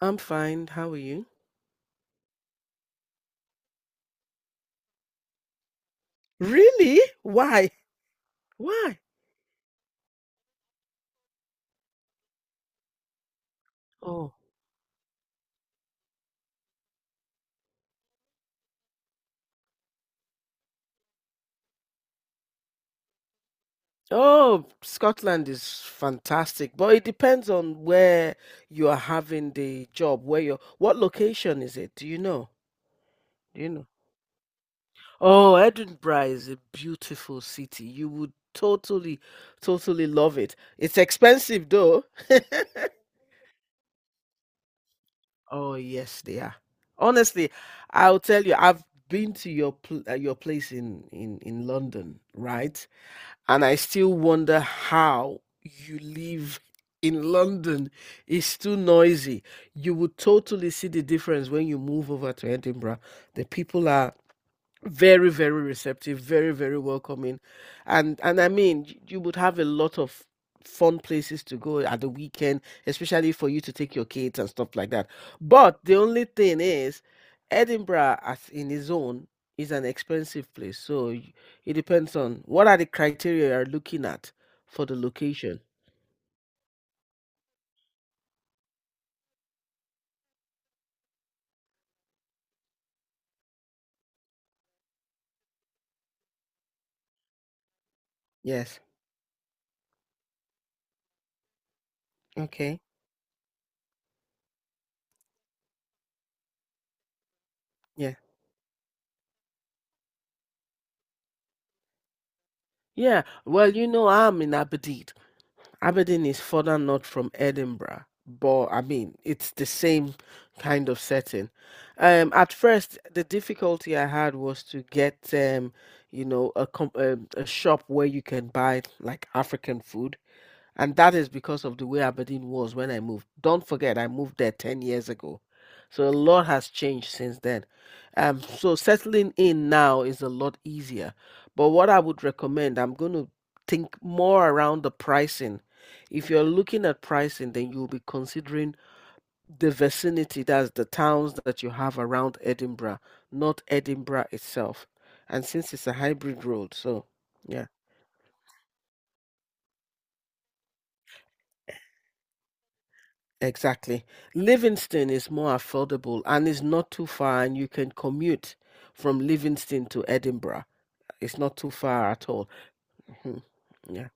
I'm fine. How are you? Really? Why? Why? Oh, oh, Scotland is fantastic, but it depends on where you are having the job, what location is it? Do you know? Do you know? Oh, Edinburgh is a beautiful city. You would totally, totally love it. It's expensive though. Oh, yes, they are. Honestly, I'll tell you, I've been to your pl your place in London, right? And I still wonder how you live in London. It's too noisy. You would totally see the difference when you move over to Edinburgh. The people are very, very receptive, very, very welcoming, and I mean you would have a lot of fun places to go at the weekend, especially for you to take your kids and stuff like that. But the only thing is Edinburgh as in its own is an expensive place, so it depends on what are the criteria you're looking at for the location. Yes. Okay. Yeah. Yeah, well, you know, I'm in Aberdeen. Aberdeen is further north from Edinburgh, but I mean, it's the same kind of setting. At first, the difficulty I had was to get, you know, a, a shop where you can buy like African food, and that is because of the way Aberdeen was when I moved. Don't forget, I moved there 10 years ago. So a lot has changed since then. So settling in now is a lot easier. But what I would recommend, I'm going to think more around the pricing. If you're looking at pricing, then you'll be considering the vicinity, that's the towns that you have around Edinburgh, not Edinburgh itself. And since it's a hybrid road, so yeah. Exactly. Livingston is more affordable and is not too far, and you can commute from Livingston to Edinburgh. It's not too far at all. Mhm. Yeah.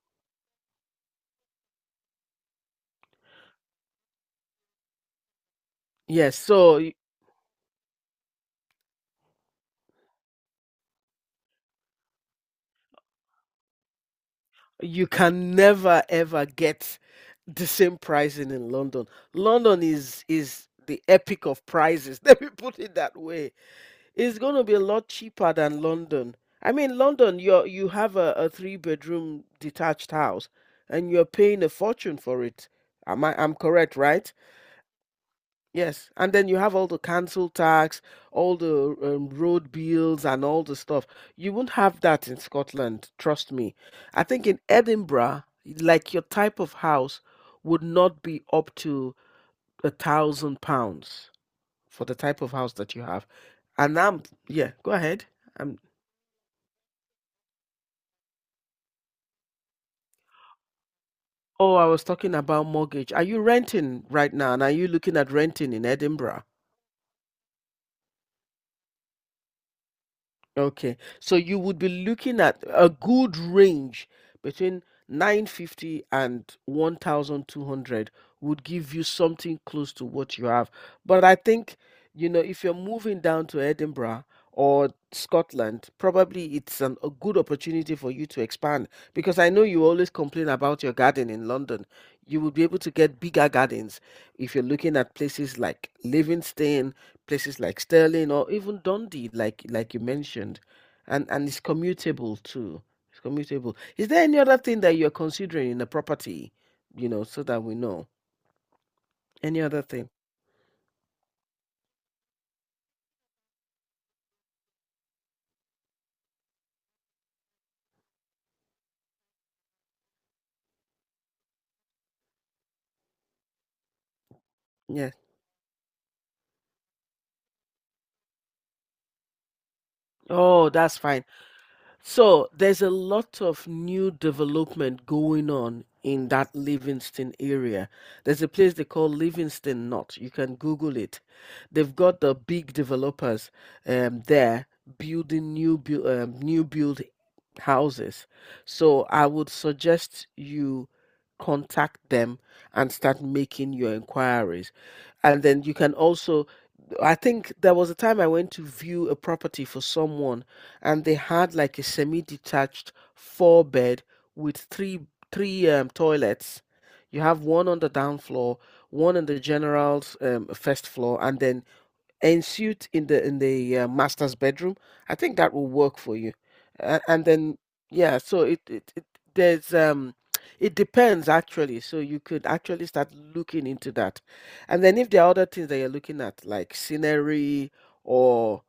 Yes. You can never ever get the same pricing in London. London is the epic of prices. Let me put it that way. It's going to be a lot cheaper than London. I mean, London, you have a three-bedroom detached house, and you're paying a fortune for it. Am I I'm correct, right? Yes. And then you have all the council tax, all the road bills and all the stuff. You won't have that in Scotland, trust me. I think in Edinburgh, like your type of house would not be up to £1,000 for the type of house that you have. And I'm, yeah, go ahead. Oh, I was talking about mortgage. Are you renting right now? And are you looking at renting in Edinburgh? Okay. So you would be looking at a good range between 950 and 1200 would give you something close to what you have. But I think, you know, if you're moving down to Edinburgh or Scotland, probably it's a good opportunity for you to expand, because I know you always complain about your garden in London. You would be able to get bigger gardens if you're looking at places like Livingston, places like Stirling or even Dundee, like you mentioned, and it's commutable too. It's commutable. Is there any other thing that you're considering in a property? You know, so that we know. Any other thing? Yeah. Oh, that's fine. So there's a lot of new development going on in that Livingston area. There's a place they call Livingston Knot. You can Google it. They've got the big developers there, building new build houses. So I would suggest you contact them and start making your inquiries. And then you can also, I think there was a time I went to view a property for someone, and they had like a semi-detached four bed with three toilets. You have one on the down floor, one on the general's first floor, and then ensuite in the master's bedroom. I think that will work for you. And then yeah, so it there's it depends actually. So you could actually start looking into that. And then if there are other things that you're looking at, like scenery or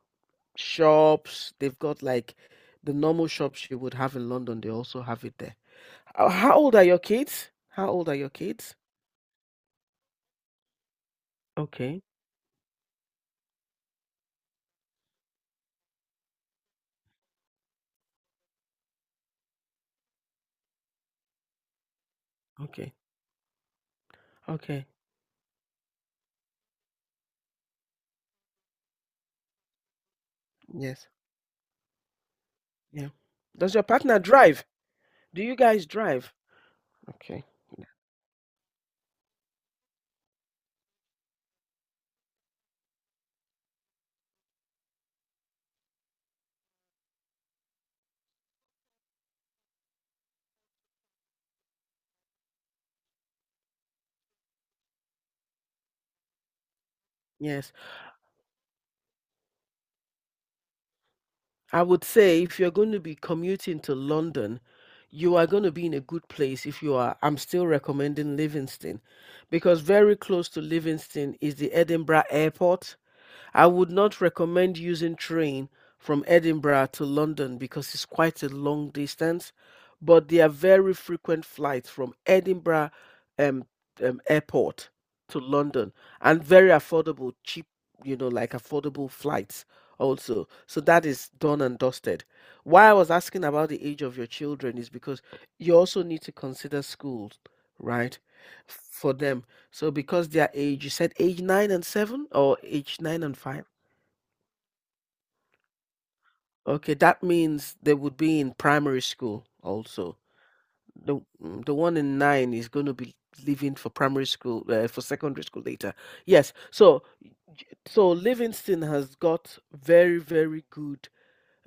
shops. They've got like the normal shops you would have in London. They also have it there. How old are your kids? How old are your kids? Okay, okay, okay. Yes, yeah. Does your partner drive? Do you guys drive? Okay. Yes. I would say if you're going to be commuting to London, you are going to be in a good place if you are. I'm still recommending Livingston, because very close to Livingston is the Edinburgh Airport. I would not recommend using train from Edinburgh to London because it's quite a long distance, but there are very frequent flights from Edinburgh um, airport to London, and very affordable, cheap, you know, like affordable flights also. So that is done and dusted. Why I was asking about the age of your children is because you also need to consider schools, right? For them, so because their age, you said age nine and seven or age nine and five? Okay, that means they would be in primary school also. The the one in nine is going to be leaving for primary school for secondary school later. Yes, so so Livingston has got very, very good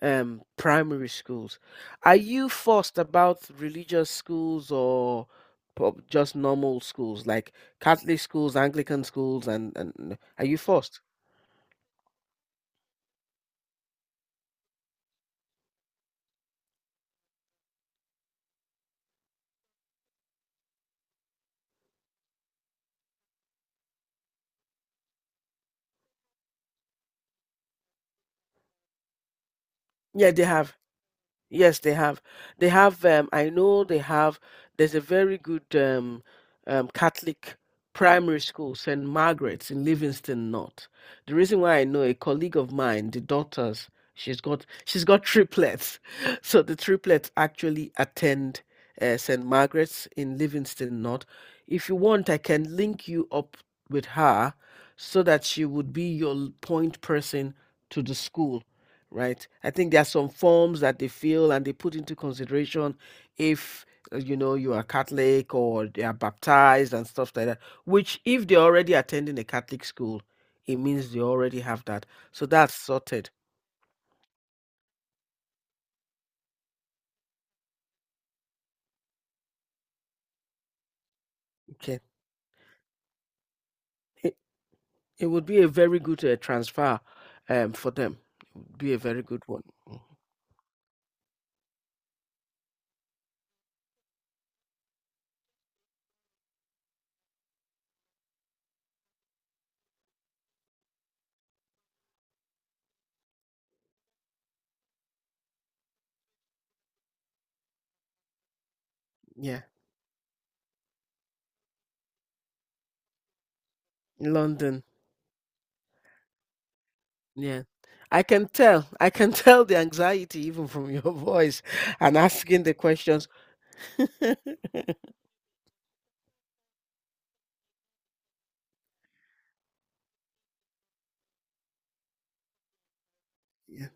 primary schools. Are you fussed about religious schools or just normal schools like Catholic schools, Anglican schools, are you fussed? Yeah, they have. Yes, they have. They have, I know they have, there's a very good Catholic primary school, St. Margaret's in Livingston North. The reason why I know, a colleague of mine, the daughters, she's got triplets. So the triplets actually attend St. Margaret's in Livingston North. If you want, I can link you up with her, so that she would be your point person to the school, right? I think there are some forms that they fill and they put into consideration if you know, you are Catholic or they are baptized and stuff like that. Which, if they're already attending a Catholic school, it means they already have that. So that's sorted. Okay, it, it would be a very good transfer for them. It would be a very good one. Mm. Yeah, London. Yeah. I can tell. I can tell the anxiety even from your voice and asking the questions. Yeah.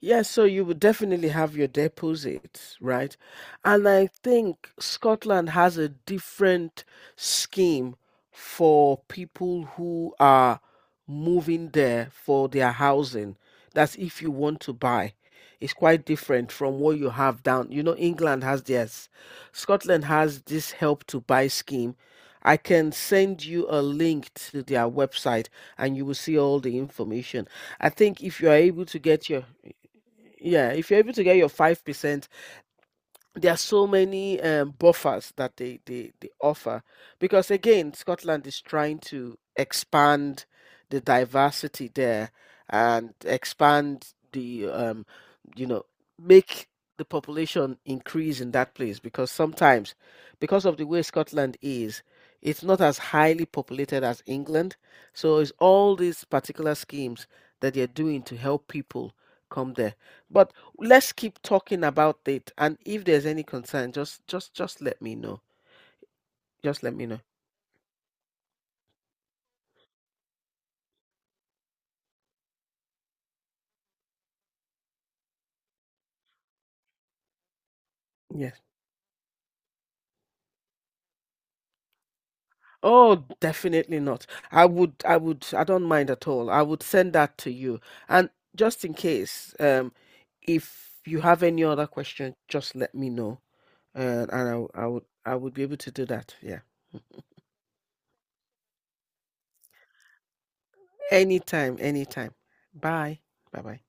Yeah, so you would definitely have your deposits, right? And I think Scotland has a different scheme for people who are moving there for their housing. That's if you want to buy. It's quite different from what you have down. You know, England has theirs. Scotland has this help to buy scheme. I can send you a link to their website and you will see all the information. I think if you are able to get your, yeah, if you're able to get your 5%, there are so many buffers that they offer, because again Scotland is trying to expand the diversity there, and expand the you know, make the population increase in that place, because sometimes because of the way Scotland is, it's not as highly populated as England, so it's all these particular schemes that they're doing to help people come there. But let's keep talking about it, and if there's any concern, just let me know. Just let me know. Yes. Oh, definitely not. I would, I don't mind at all, I would send that to you. And just in case, if you have any other question, just let me know. And I would, I would be able to do that, yeah. Anytime, anytime. Bye. Bye bye.